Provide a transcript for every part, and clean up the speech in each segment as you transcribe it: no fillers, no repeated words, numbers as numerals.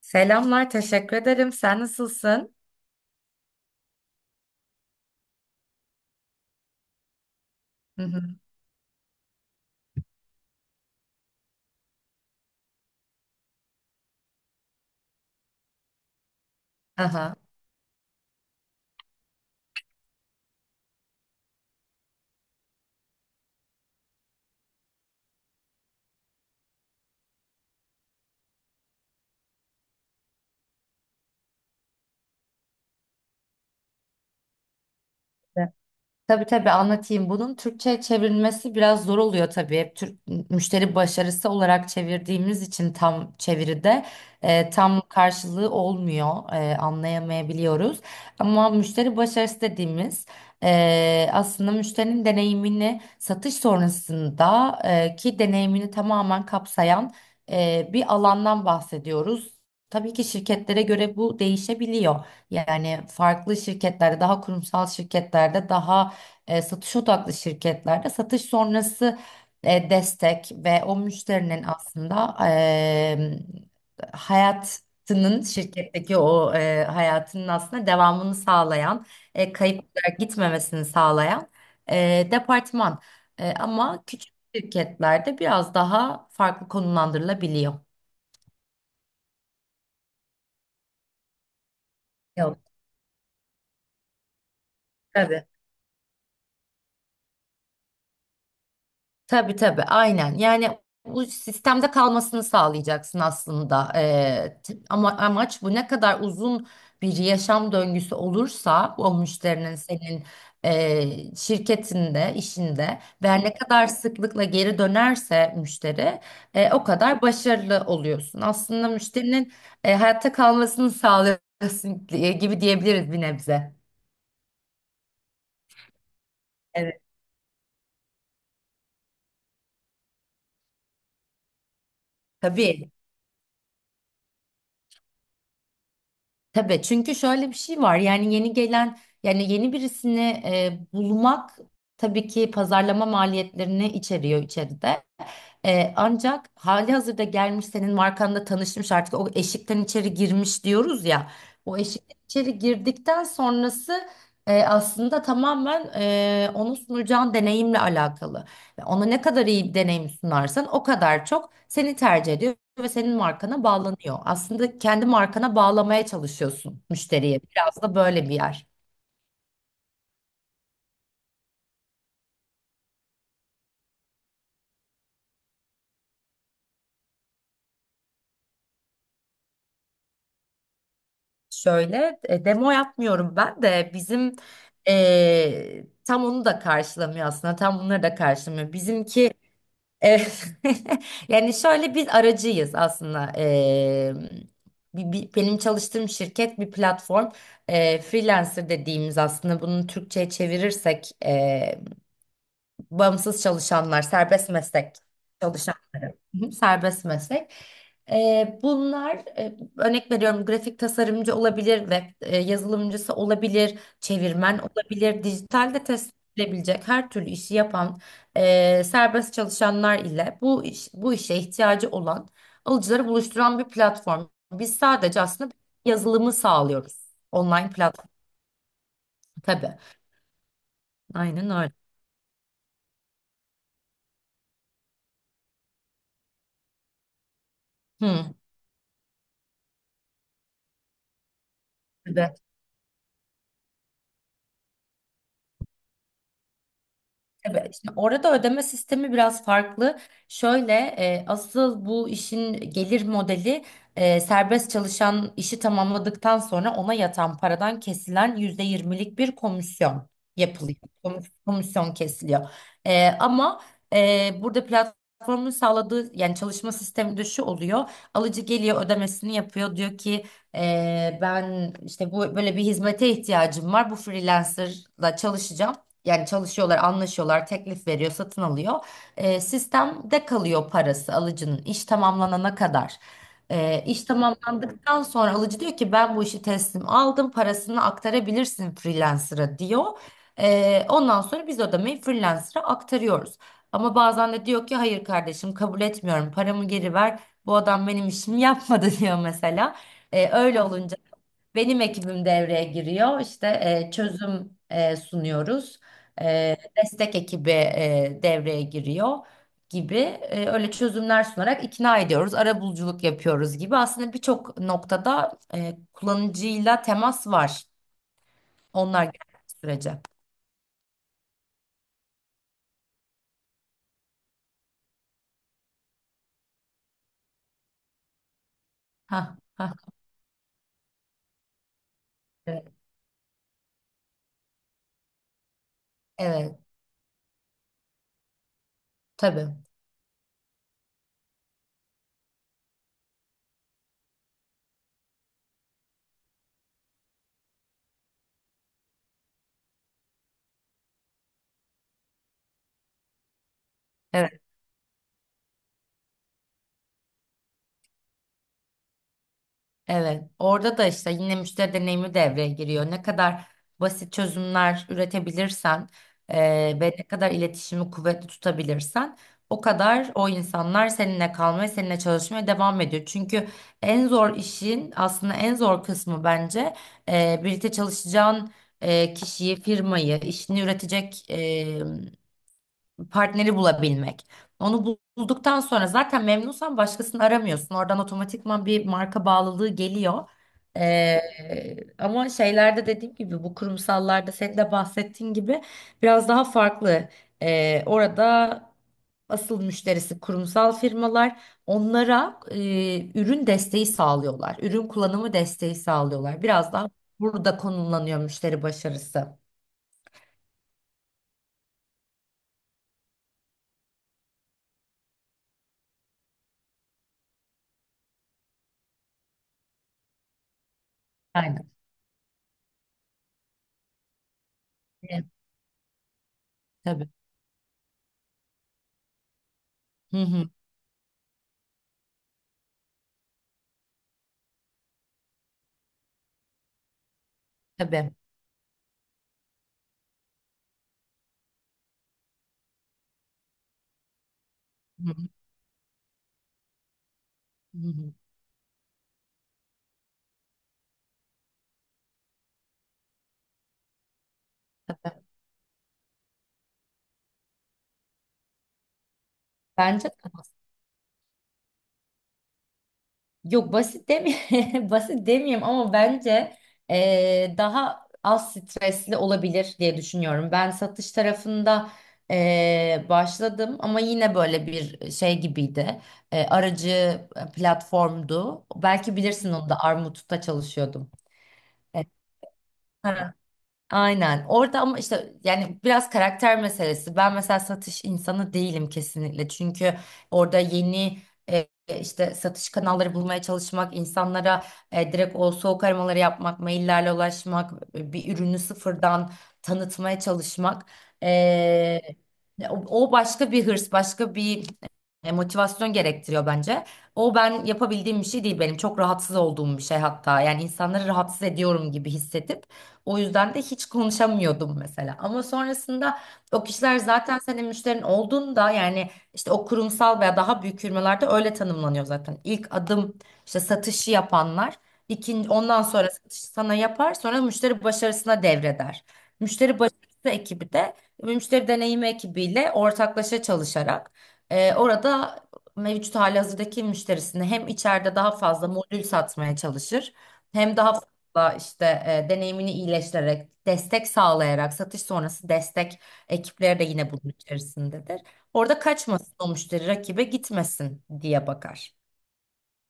Selamlar, teşekkür ederim. Sen nasılsın? Hı hı. Aha. Tabii tabii anlatayım. Bunun Türkçe'ye çevrilmesi biraz zor oluyor tabii. Hep Türk müşteri başarısı olarak çevirdiğimiz için tam çeviride tam karşılığı olmuyor. Anlayamayabiliyoruz. Ama müşteri başarısı dediğimiz aslında müşterinin deneyimini satış sonrasında ki deneyimini tamamen kapsayan bir alandan bahsediyoruz. Tabii ki şirketlere göre bu değişebiliyor. Yani farklı şirketlerde daha kurumsal şirketlerde daha satış odaklı şirketlerde satış sonrası destek ve o müşterinin aslında hayatının şirketteki o hayatının aslında devamını sağlayan, kayıp olarak gitmemesini sağlayan departman. Ama küçük şirketlerde biraz daha farklı konumlandırılabiliyor. Yok, tabii. Tabii tabii aynen. Yani bu sistemde kalmasını sağlayacaksın aslında. Ama amaç bu ne kadar uzun bir yaşam döngüsü olursa o müşterinin senin şirketinde, işinde ve ne kadar sıklıkla geri dönerse müşteri o kadar başarılı oluyorsun. Aslında müşterinin hayatta kalmasını sağlıyorsun gibi diyebiliriz bir nebze. Evet. Tabii. Tabii çünkü şöyle bir şey var yani yeni gelen yani yeni birisini bulmak tabii ki pazarlama maliyetlerini içeriyor içeride. Ancak hali hazırda gelmiş senin markanla tanışmış artık o eşikten içeri girmiş diyoruz ya. O eşikten içeri girdikten sonrası aslında tamamen onu sunacağın deneyimle alakalı. Ve ona ne kadar iyi bir deneyim sunarsan o kadar çok seni tercih ediyor ve senin markana bağlanıyor. Aslında kendi markana bağlamaya çalışıyorsun müşteriye. Biraz da böyle bir yer. Şöyle demo yapmıyorum ben de bizim tam onu da karşılamıyor aslında tam bunları da karşılamıyor. Bizimki e, yani şöyle biz aracıyız aslında. Benim çalıştığım şirket bir platform. Freelancer dediğimiz aslında bunu Türkçe'ye çevirirsek bağımsız çalışanlar serbest meslek. Hı hı, serbest meslek. Bunlar örnek veriyorum grafik tasarımcı olabilir, web yazılımcısı olabilir, çevirmen olabilir, dijitalde test edilebilecek her türlü işi yapan serbest çalışanlar ile bu işe ihtiyacı olan alıcıları buluşturan bir platform. Biz sadece aslında yazılımı sağlıyoruz. Online platform tabii. Aynen öyle. Hı. Tabii. Tabii. Şimdi orada ödeme sistemi biraz farklı. Şöyle asıl bu işin gelir modeli serbest çalışan işi tamamladıktan sonra ona yatan paradan kesilen %20'lik bir komisyon yapılıyor. Komisyon kesiliyor. E, ama Burada platformun sağladığı yani çalışma sistemi de şu oluyor. Alıcı geliyor ödemesini yapıyor. Diyor ki ben işte bu böyle bir hizmete ihtiyacım var. Bu freelancerla çalışacağım. Yani çalışıyorlar, anlaşıyorlar, teklif veriyor, satın alıyor. Sistemde kalıyor parası alıcının iş tamamlanana kadar. İş tamamlandıktan sonra alıcı diyor ki ben bu işi teslim aldım, parasını aktarabilirsin freelancer'a diyor. Ondan sonra biz ödemeyi freelancer'a aktarıyoruz. Ama bazen de diyor ki hayır kardeşim kabul etmiyorum, paramı geri ver. Bu adam benim işimi yapmadı diyor mesela. Öyle olunca benim ekibim devreye giriyor. İşte çözüm sunuyoruz. E, Destek ekibi devreye giriyor gibi. Öyle çözümler sunarak ikna ediyoruz. Arabuluculuk yapıyoruz gibi. Aslında birçok noktada kullanıcıyla temas var. Onlar geldiği sürece. Ha, ha. Evet, evet, tabii. Evet. Evet, orada da işte yine müşteri deneyimi devreye giriyor. Ne kadar basit çözümler üretebilirsen ve ne kadar iletişimi kuvvetli tutabilirsen o kadar o insanlar seninle kalmaya, seninle çalışmaya devam ediyor. Çünkü en zor işin aslında en zor kısmı bence birlikte çalışacağın kişiyi, firmayı, işini üretecek partneri bulabilmek. Bulduktan sonra zaten memnunsan başkasını aramıyorsun. Oradan otomatikman bir marka bağlılığı geliyor. Ee, Ama şeylerde dediğim gibi bu kurumsallarda senin de bahsettiğin gibi biraz daha farklı. Orada asıl müşterisi kurumsal firmalar onlara ürün desteği sağlıyorlar. Ürün kullanımı desteği sağlıyorlar. Biraz daha burada konumlanıyor müşteri başarısı. Aynen. Evet, tabii. Hı hı, tabii. Hı. Hı hı. Tabii. Bence yok basit demeyeyim, basit demeyeyim ama bence daha az stresli olabilir diye düşünüyorum. Ben satış tarafında başladım ama yine böyle bir şey gibiydi. Aracı platformdu. Belki bilirsin onu da Armut'ta çalışıyordum. Evet. Aynen. Orada ama işte yani biraz karakter meselesi. Ben mesela satış insanı değilim kesinlikle. Çünkü orada yeni e, işte satış kanalları bulmaya çalışmak, insanlara direkt o soğuk aramaları yapmak, maillerle ulaşmak, bir ürünü sıfırdan tanıtmaya çalışmak. E, O başka bir hırs, başka bir motivasyon gerektiriyor bence. O ben yapabildiğim bir şey değil benim. Çok rahatsız olduğum bir şey hatta. Yani insanları rahatsız ediyorum gibi hissedip o yüzden de hiç konuşamıyordum mesela. Ama sonrasında o kişiler zaten senin müşterin olduğunda yani işte o kurumsal veya daha büyük firmalarda öyle tanımlanıyor zaten. İlk adım işte satışı yapanlar. İkinci, ondan sonra satışı sana yapar, sonra müşteri başarısına devreder. Müşteri başarısı ekibi de müşteri deneyimi ekibiyle ortaklaşa çalışarak orada mevcut halihazırdaki müşterisini hem içeride daha fazla modül satmaya çalışır hem daha da işte deneyimini iyileştirerek, destek sağlayarak, satış sonrası destek ekipleri de yine bunun içerisindedir. Orada kaçmasın o müşteri rakibe gitmesin diye bakar.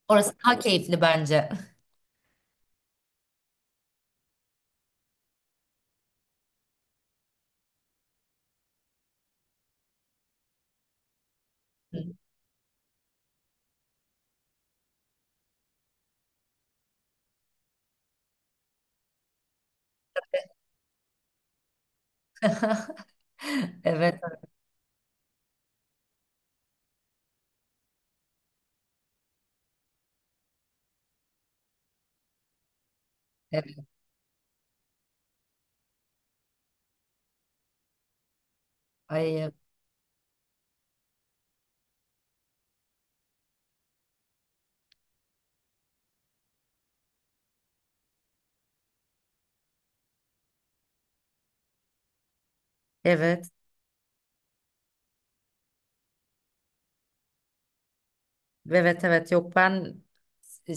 Orası daha keyifli bence. Evet, evet. Ay, evet. Evet evet yok ben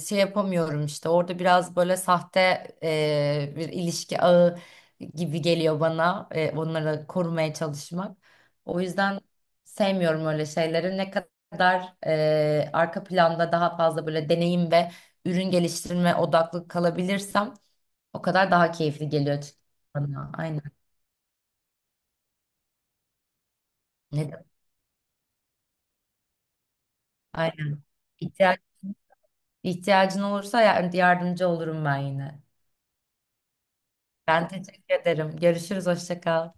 şey yapamıyorum işte orada biraz böyle sahte bir ilişki ağı gibi geliyor bana, onları korumaya çalışmak. O yüzden sevmiyorum öyle şeyleri. Ne kadar arka planda daha fazla böyle deneyim ve ürün geliştirme odaklı kalabilirsem o kadar daha keyifli geliyor açıkçası bana. Aynen. Ne de- Aynen. İhtiyaç, ihtiyacın olursa yardımcı olurum ben yine. Ben teşekkür ederim. Görüşürüz. Hoşça kal.